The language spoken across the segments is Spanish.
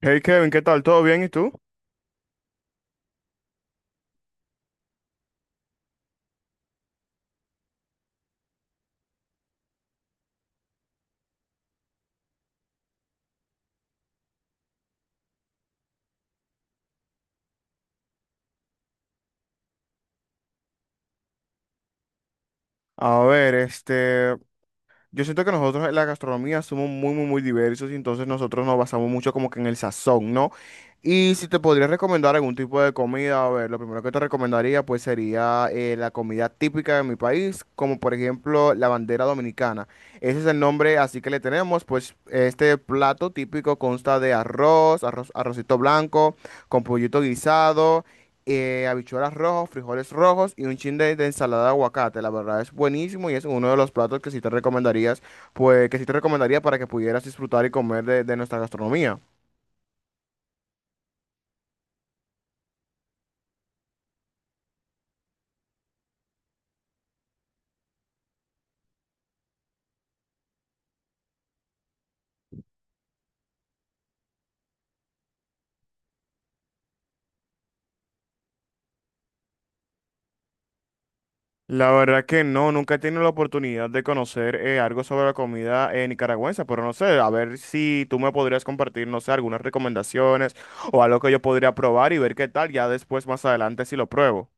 Hey Kevin, ¿qué tal? ¿Todo bien? ¿Y tú? A ver, este, yo siento que nosotros en la gastronomía somos muy, muy, muy diversos y entonces nosotros nos basamos mucho como que en el sazón, ¿no? Y si te podría recomendar algún tipo de comida, a ver, lo primero que te recomendaría pues sería la comida típica de mi país, como por ejemplo la bandera dominicana. Ese es el nombre así que le tenemos, pues este plato típico consta de arrocito blanco, con pollito guisado. Habichuelas rojas, frijoles rojos y un chin de ensalada de aguacate. La verdad es buenísimo y es uno de los platos que sí te recomendarías, pues que sí te recomendaría para que pudieras disfrutar y comer de nuestra gastronomía. La verdad que no, nunca he tenido la oportunidad de conocer algo sobre la comida nicaragüense, pero no sé, a ver si tú me podrías compartir, no sé, algunas recomendaciones o algo que yo podría probar y ver qué tal, ya después más adelante si lo pruebo.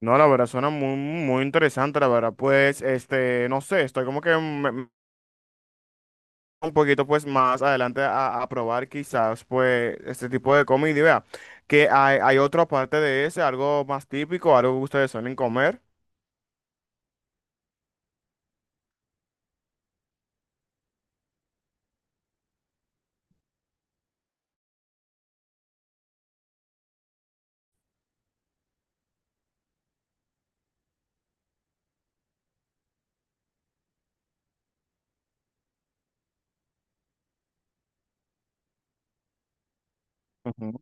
No, la verdad suena muy, muy interesante, la verdad, pues, este, no sé, estoy como que me, un poquito pues más adelante a probar quizás pues este tipo de comida y vea que hay otra parte de ese, algo más típico, algo que ustedes suelen comer. Ujú.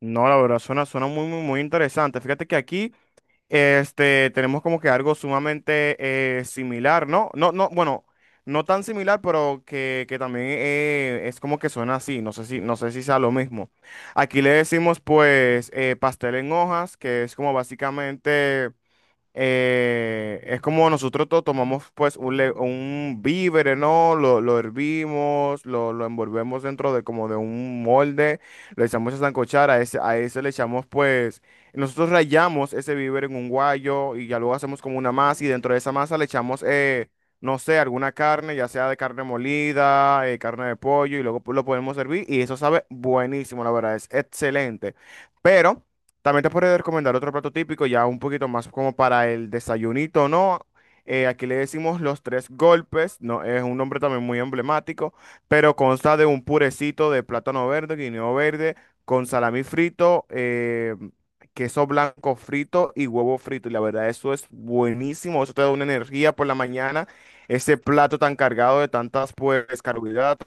No, la verdad suena, suena muy, muy, muy interesante. Fíjate que aquí este, tenemos como que algo sumamente similar, ¿no? No, no, bueno, no tan similar, pero que, también es como que suena así. No sé si, no sé si sea lo mismo. Aquí le decimos pues pastel en hojas, que es como básicamente... es como nosotros tomamos pues un, un víver, ¿no? Lo hervimos, lo envolvemos dentro de como de un molde, lo echamos a sancochar, a ese le echamos pues, nosotros rayamos ese víver en un guayo y ya luego hacemos como una masa y dentro de esa masa le echamos, no sé, alguna carne, ya sea de carne molida, carne de pollo y luego pues, lo podemos servir y eso sabe buenísimo, la verdad, es excelente. Pero... también te podría recomendar otro plato típico, ya un poquito más como para el desayunito, ¿no? Aquí le decimos los tres golpes, ¿no? Es un nombre también muy emblemático, pero consta de un purecito de plátano verde, guineo verde, con salami frito, queso blanco frito y huevo frito. Y la verdad, eso es buenísimo, eso te da una energía por la mañana, ese plato tan cargado de tantas, pues, carbohidratos.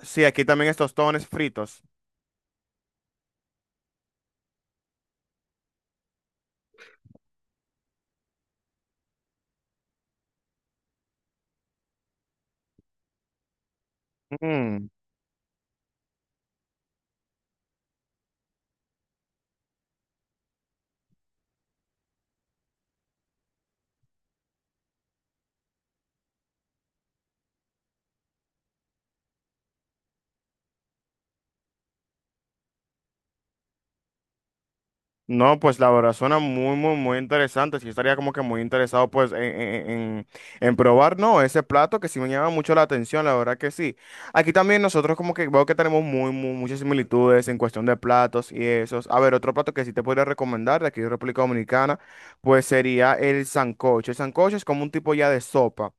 Sí, aquí también estos tostones fritos. Mm. No, pues la verdad suena muy, muy, muy interesante. Sí estaría como que muy interesado pues en, en probar, ¿no? Ese plato que sí me llama mucho la atención, la verdad que sí. Aquí también nosotros como que veo que tenemos muy, muy, muchas similitudes en cuestión de platos y esos. A ver, otro plato que sí te podría recomendar de aquí de República Dominicana, pues sería el sancocho. El sancocho es como un tipo ya de sopa.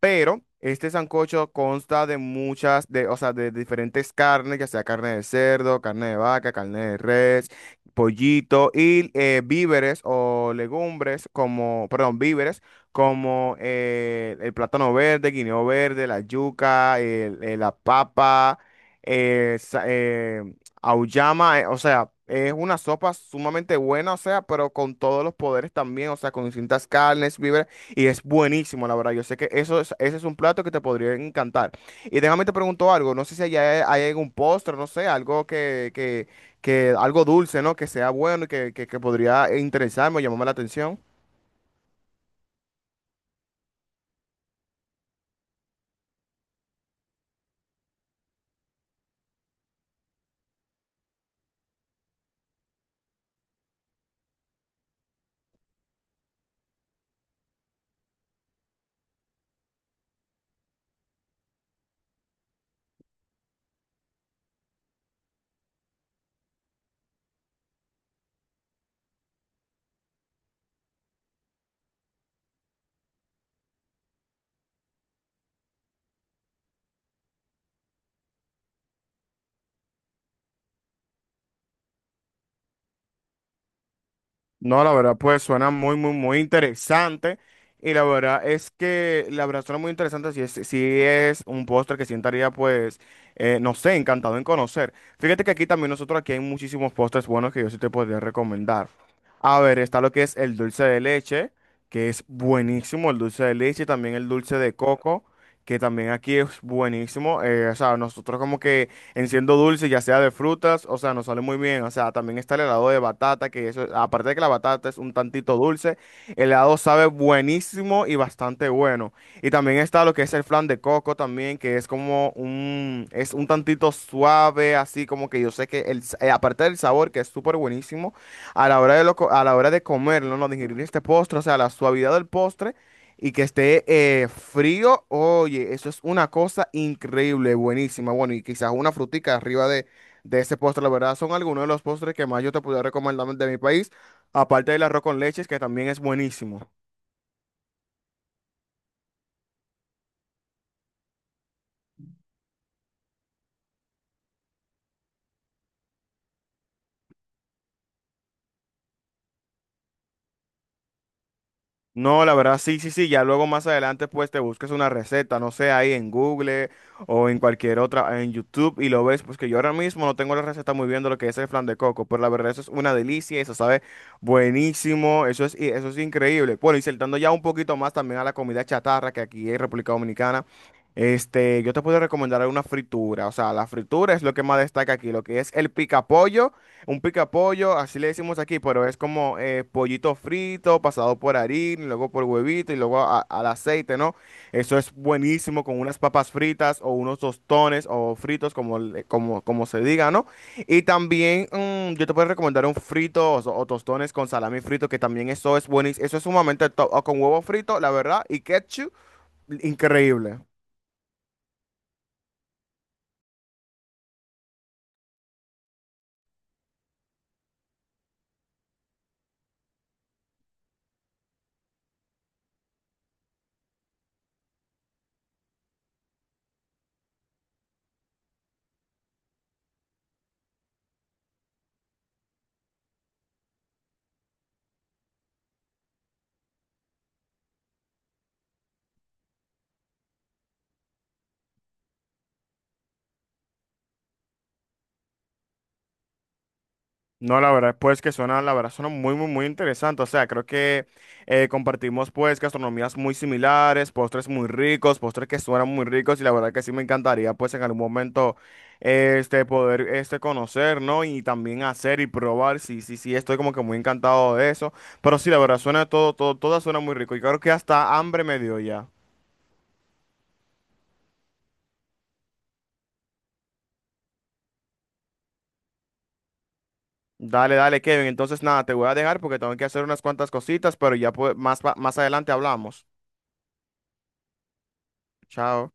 Pero este sancocho consta de muchas, de, o sea, de diferentes carnes, ya sea carne de cerdo, carne de vaca, carne de res, pollito y víveres o legumbres como, perdón, víveres como el plátano verde, guineo verde, la yuca, la papa, eh, sa- eh, auyama, o sea, es una sopa sumamente buena, o sea, pero con todos los poderes también, o sea, con distintas carnes, víveres y es buenísimo, la verdad. Yo sé que ese es un plato que te podría encantar. Y déjame te pregunto algo, no sé si allá hay algún postre, no sé, algo que, que algo dulce, ¿no? Que sea bueno y que, que podría interesarme o llamarme la atención. No, la verdad, pues suena muy, muy, muy interesante. Y la verdad es que, la verdad suena muy interesante. Si es, si es un postre que sientaría, pues, no sé, encantado en conocer. Fíjate que aquí también nosotros, aquí hay muchísimos postres buenos que yo sí te podría recomendar. A ver, está lo que es el dulce de leche, que es buenísimo, el dulce de leche, y también el dulce de coco, que también aquí es buenísimo. O sea, nosotros como que en siendo dulce, ya sea de frutas, o sea, nos sale muy bien. O sea, también está el helado de batata, que eso, aparte de que la batata es un tantito dulce, el helado sabe buenísimo y bastante bueno. Y también está lo que es el flan de coco también, que es como un, es un tantito suave, así como que yo sé que el, aparte del sabor, que es súper buenísimo, a la hora de a la hora de comerlo, no digerir este postre, o sea, la suavidad del postre y que esté frío, oye, eso es una cosa increíble, buenísima. Bueno, y quizás una frutica arriba de ese postre, la verdad, son algunos de los postres que más yo te pudiera recomendar de mi país, aparte del arroz con leches, que también es buenísimo. No, la verdad, sí, sí, sí. Ya luego más adelante, pues te busques una receta, no sé, ahí en Google o en cualquier otra, en YouTube, y lo ves. Pues que yo ahora mismo no tengo la receta muy bien de lo que es el flan de coco, pero la verdad, eso es una delicia, eso sabe buenísimo, eso es, y eso es increíble. Bueno, y saltando ya un poquito más también a la comida chatarra que aquí en República Dominicana. Este, yo te puedo recomendar una fritura, o sea, la fritura es lo que más destaca aquí, lo que es el picapollo un pica pollo así le decimos aquí, pero es como pollito frito, pasado por harina, y luego por huevito y luego al aceite, ¿no? Eso es buenísimo con unas papas fritas o unos tostones o fritos, como, como, como se diga, ¿no? Y también yo te puedo recomendar un frito o, o tostones con salami frito, que también eso es buenísimo, eso es sumamente top, o con huevo frito, la verdad, y ketchup, increíble. No, la verdad, pues que suena, la verdad, suena muy, muy, muy interesante. O sea, creo que compartimos pues gastronomías muy similares, postres muy ricos, postres que suenan muy ricos y la verdad que sí me encantaría pues en algún momento este poder este conocer, ¿no? Y también hacer y probar. Sí, sí, sí, estoy como que muy encantado de eso. Pero sí, la verdad, suena todo, todo, todo suena muy rico y creo que hasta hambre me dio ya. Dale, dale, Kevin. Entonces nada, te voy a dejar porque tengo que hacer unas cuantas cositas, pero ya pues, más, más adelante hablamos. Chao.